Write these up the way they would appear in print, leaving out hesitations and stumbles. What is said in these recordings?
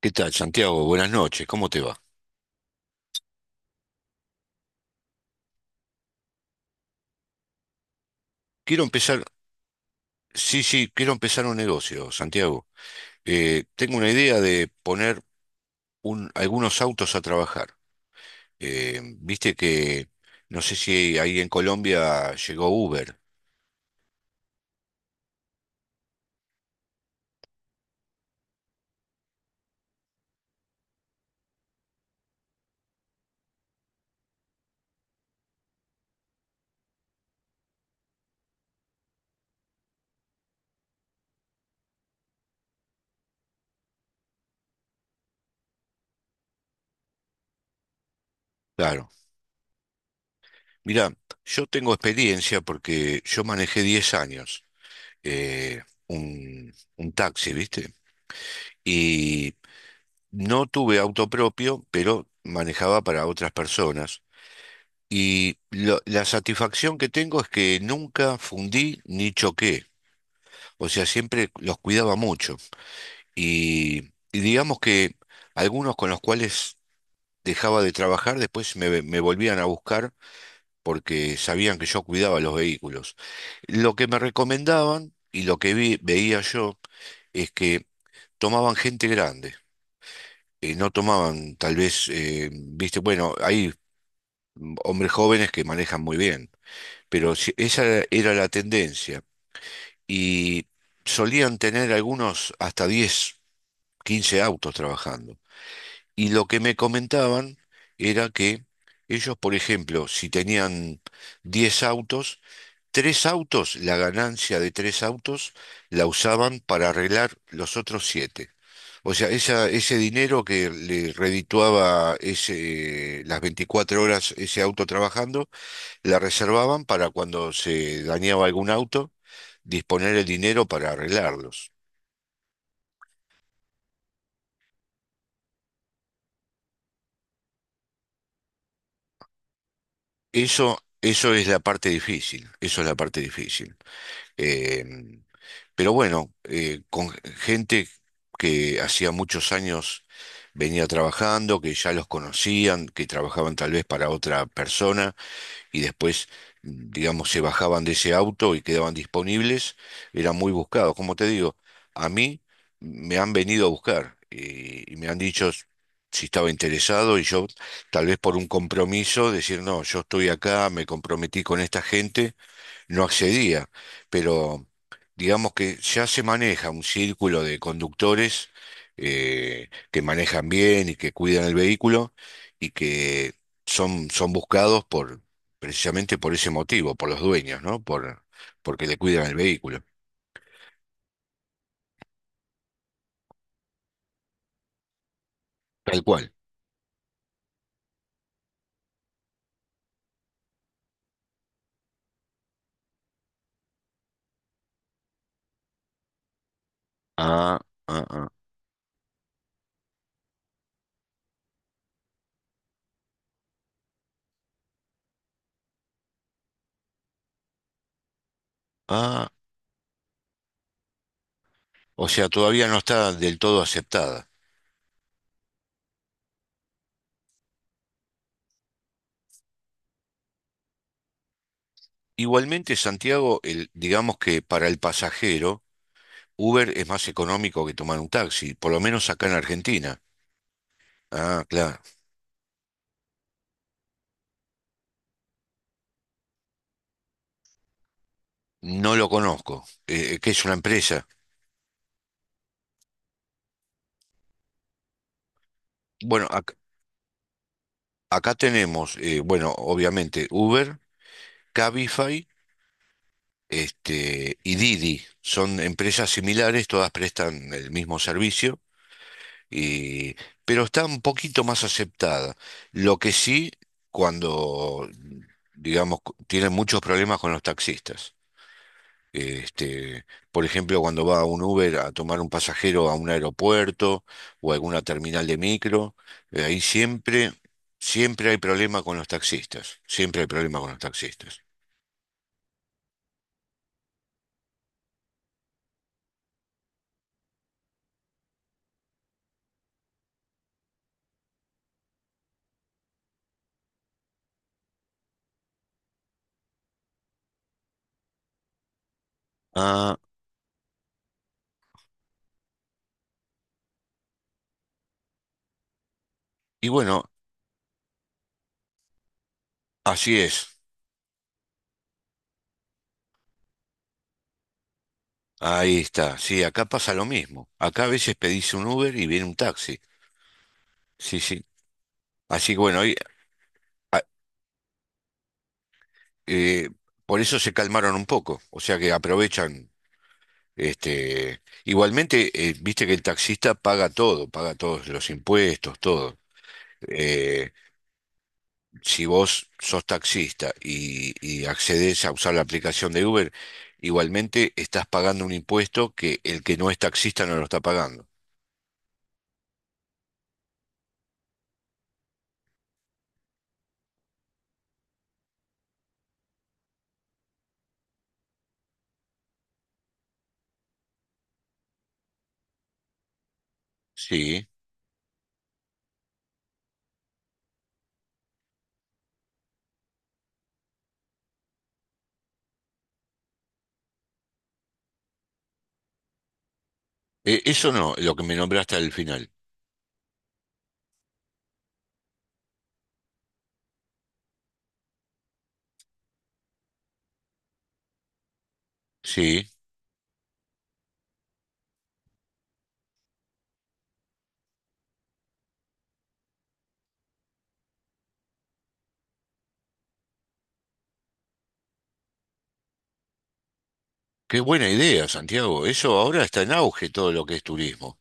¿Qué tal, Santiago? Buenas noches, ¿cómo te va? Quiero empezar, sí, sí, quiero empezar un negocio, Santiago. Tengo una idea de poner algunos autos a trabajar. Viste que, no sé si ahí en Colombia llegó Uber. Claro. Mira, yo tengo experiencia porque yo manejé 10 años, un taxi, ¿viste? Y no tuve auto propio, pero manejaba para otras personas. Y la satisfacción que tengo es que nunca fundí ni choqué. O sea, siempre los cuidaba mucho. Y, y digamos que algunos con los cuales dejaba de trabajar, después me volvían a buscar porque sabían que yo cuidaba los vehículos. Lo que me recomendaban y lo que veía yo es que tomaban gente grande. No tomaban tal vez, viste, bueno, hay hombres jóvenes que manejan muy bien, pero esa era la tendencia. Y solían tener algunos hasta 10, 15 autos trabajando. Y lo que me comentaban era que ellos, por ejemplo, si tenían 10 autos, tres autos, la ganancia de tres autos la usaban para arreglar los otros siete. O sea, ese dinero que le redituaba ese, las 24 horas ese auto trabajando, la reservaban para cuando se dañaba algún auto disponer el dinero para arreglarlos. Eso es la parte difícil, eso es la parte difícil. Eh, pero bueno, con gente que hacía muchos años venía trabajando, que ya los conocían, que trabajaban tal vez para otra persona y después, digamos, se bajaban de ese auto y quedaban disponibles, eran muy buscados. Como te digo, a mí me han venido a buscar, y me han dicho si estaba interesado y yo tal vez por un compromiso, decir, no, yo estoy acá, me comprometí con esta gente, no accedía, pero digamos que ya se maneja un círculo de conductores, que manejan bien y que cuidan el vehículo y que son buscados precisamente por ese motivo, por los dueños, ¿no? Porque le cuidan el vehículo. Tal cual. Ah, ah, ah, ah. O sea, todavía no está del todo aceptada. Igualmente, Santiago, digamos que para el pasajero, Uber es más económico que tomar un taxi, por lo menos acá en Argentina. Ah, claro. No lo conozco. ¿Qué es una empresa? Bueno, acá tenemos, bueno, obviamente Uber, Cabify, y Didi. Son empresas similares, todas prestan el mismo servicio, y, pero está un poquito más aceptada. Lo que sí, cuando, digamos, tienen muchos problemas con los taxistas. Este, por ejemplo, cuando va un Uber a tomar un pasajero a un aeropuerto o a alguna terminal de micro, ahí siempre hay problema con los taxistas. Siempre hay problema con los taxistas. Ah, y bueno, así es. Ahí está. Sí, acá pasa lo mismo. Acá a veces pedís un Uber y viene un taxi. Sí, sí. Así que bueno, ah, eh, por eso se calmaron un poco. O sea que aprovechan. Igualmente, viste que el taxista paga todo, paga todos los impuestos, todo. Eh, si vos sos taxista y accedes a usar la aplicación de Uber, igualmente estás pagando un impuesto que el que no es taxista no lo está pagando. Sí. Eso no, lo que me nombraste al final. Sí. Qué buena idea, Santiago. Eso ahora está en auge todo lo que es turismo.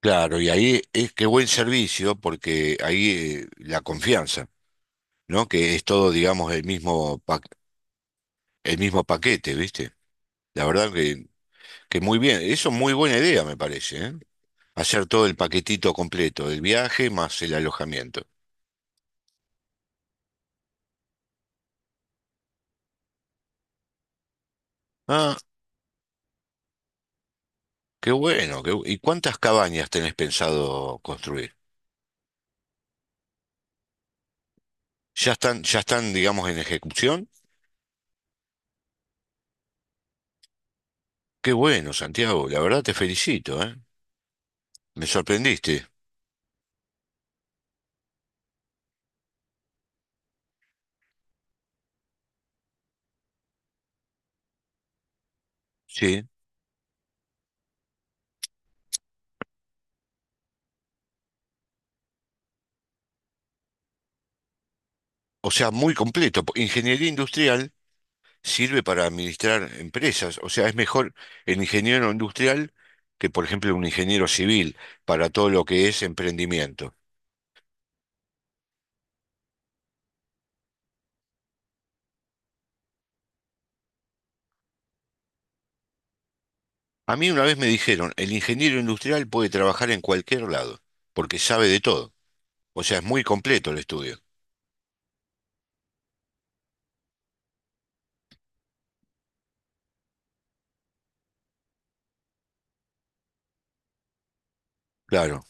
Claro, y ahí es qué buen servicio porque ahí, la confianza. ¿No? Que es todo, digamos, el mismo paquete, ¿viste? La verdad que muy bien. Eso es muy buena idea, me parece, ¿eh? Hacer todo el paquetito completo, el viaje más el alojamiento. Ah, qué bueno. ¿Y cuántas cabañas tenés pensado construir? ¿Ya están, digamos, en ejecución? Qué bueno, Santiago. La verdad te felicito, ¿eh? Me sorprendiste. Sí. O sea, muy completo. Ingeniería industrial sirve para administrar empresas. O sea, es mejor el ingeniero industrial que, por ejemplo, un ingeniero civil para todo lo que es emprendimiento. A mí una vez me dijeron, el ingeniero industrial puede trabajar en cualquier lado, porque sabe de todo. O sea, es muy completo el estudio. Claro,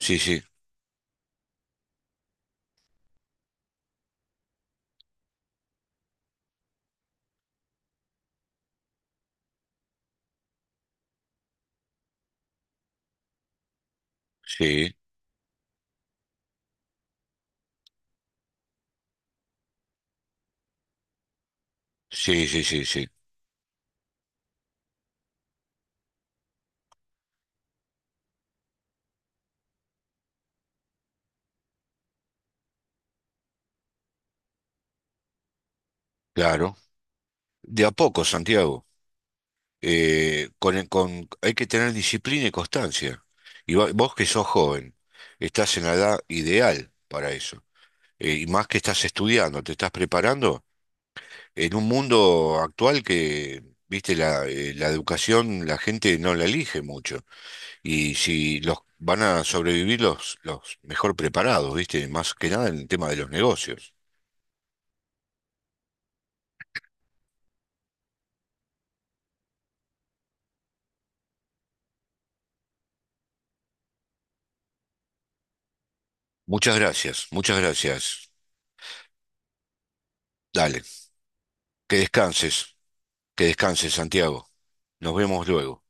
sí, sí, sí, sí, sí, sí, sí, claro. De a poco, Santiago, con, hay que tener disciplina y constancia. Y vos que sos joven, estás en la edad ideal para eso. Y más que estás estudiando, te estás preparando en un mundo actual que, viste, la educación la gente no la elige mucho. Y si los van a sobrevivir los mejor preparados, viste, más que nada en el tema de los negocios. Muchas gracias, muchas gracias. Dale, que descanses, que descanses, Santiago. Nos vemos luego.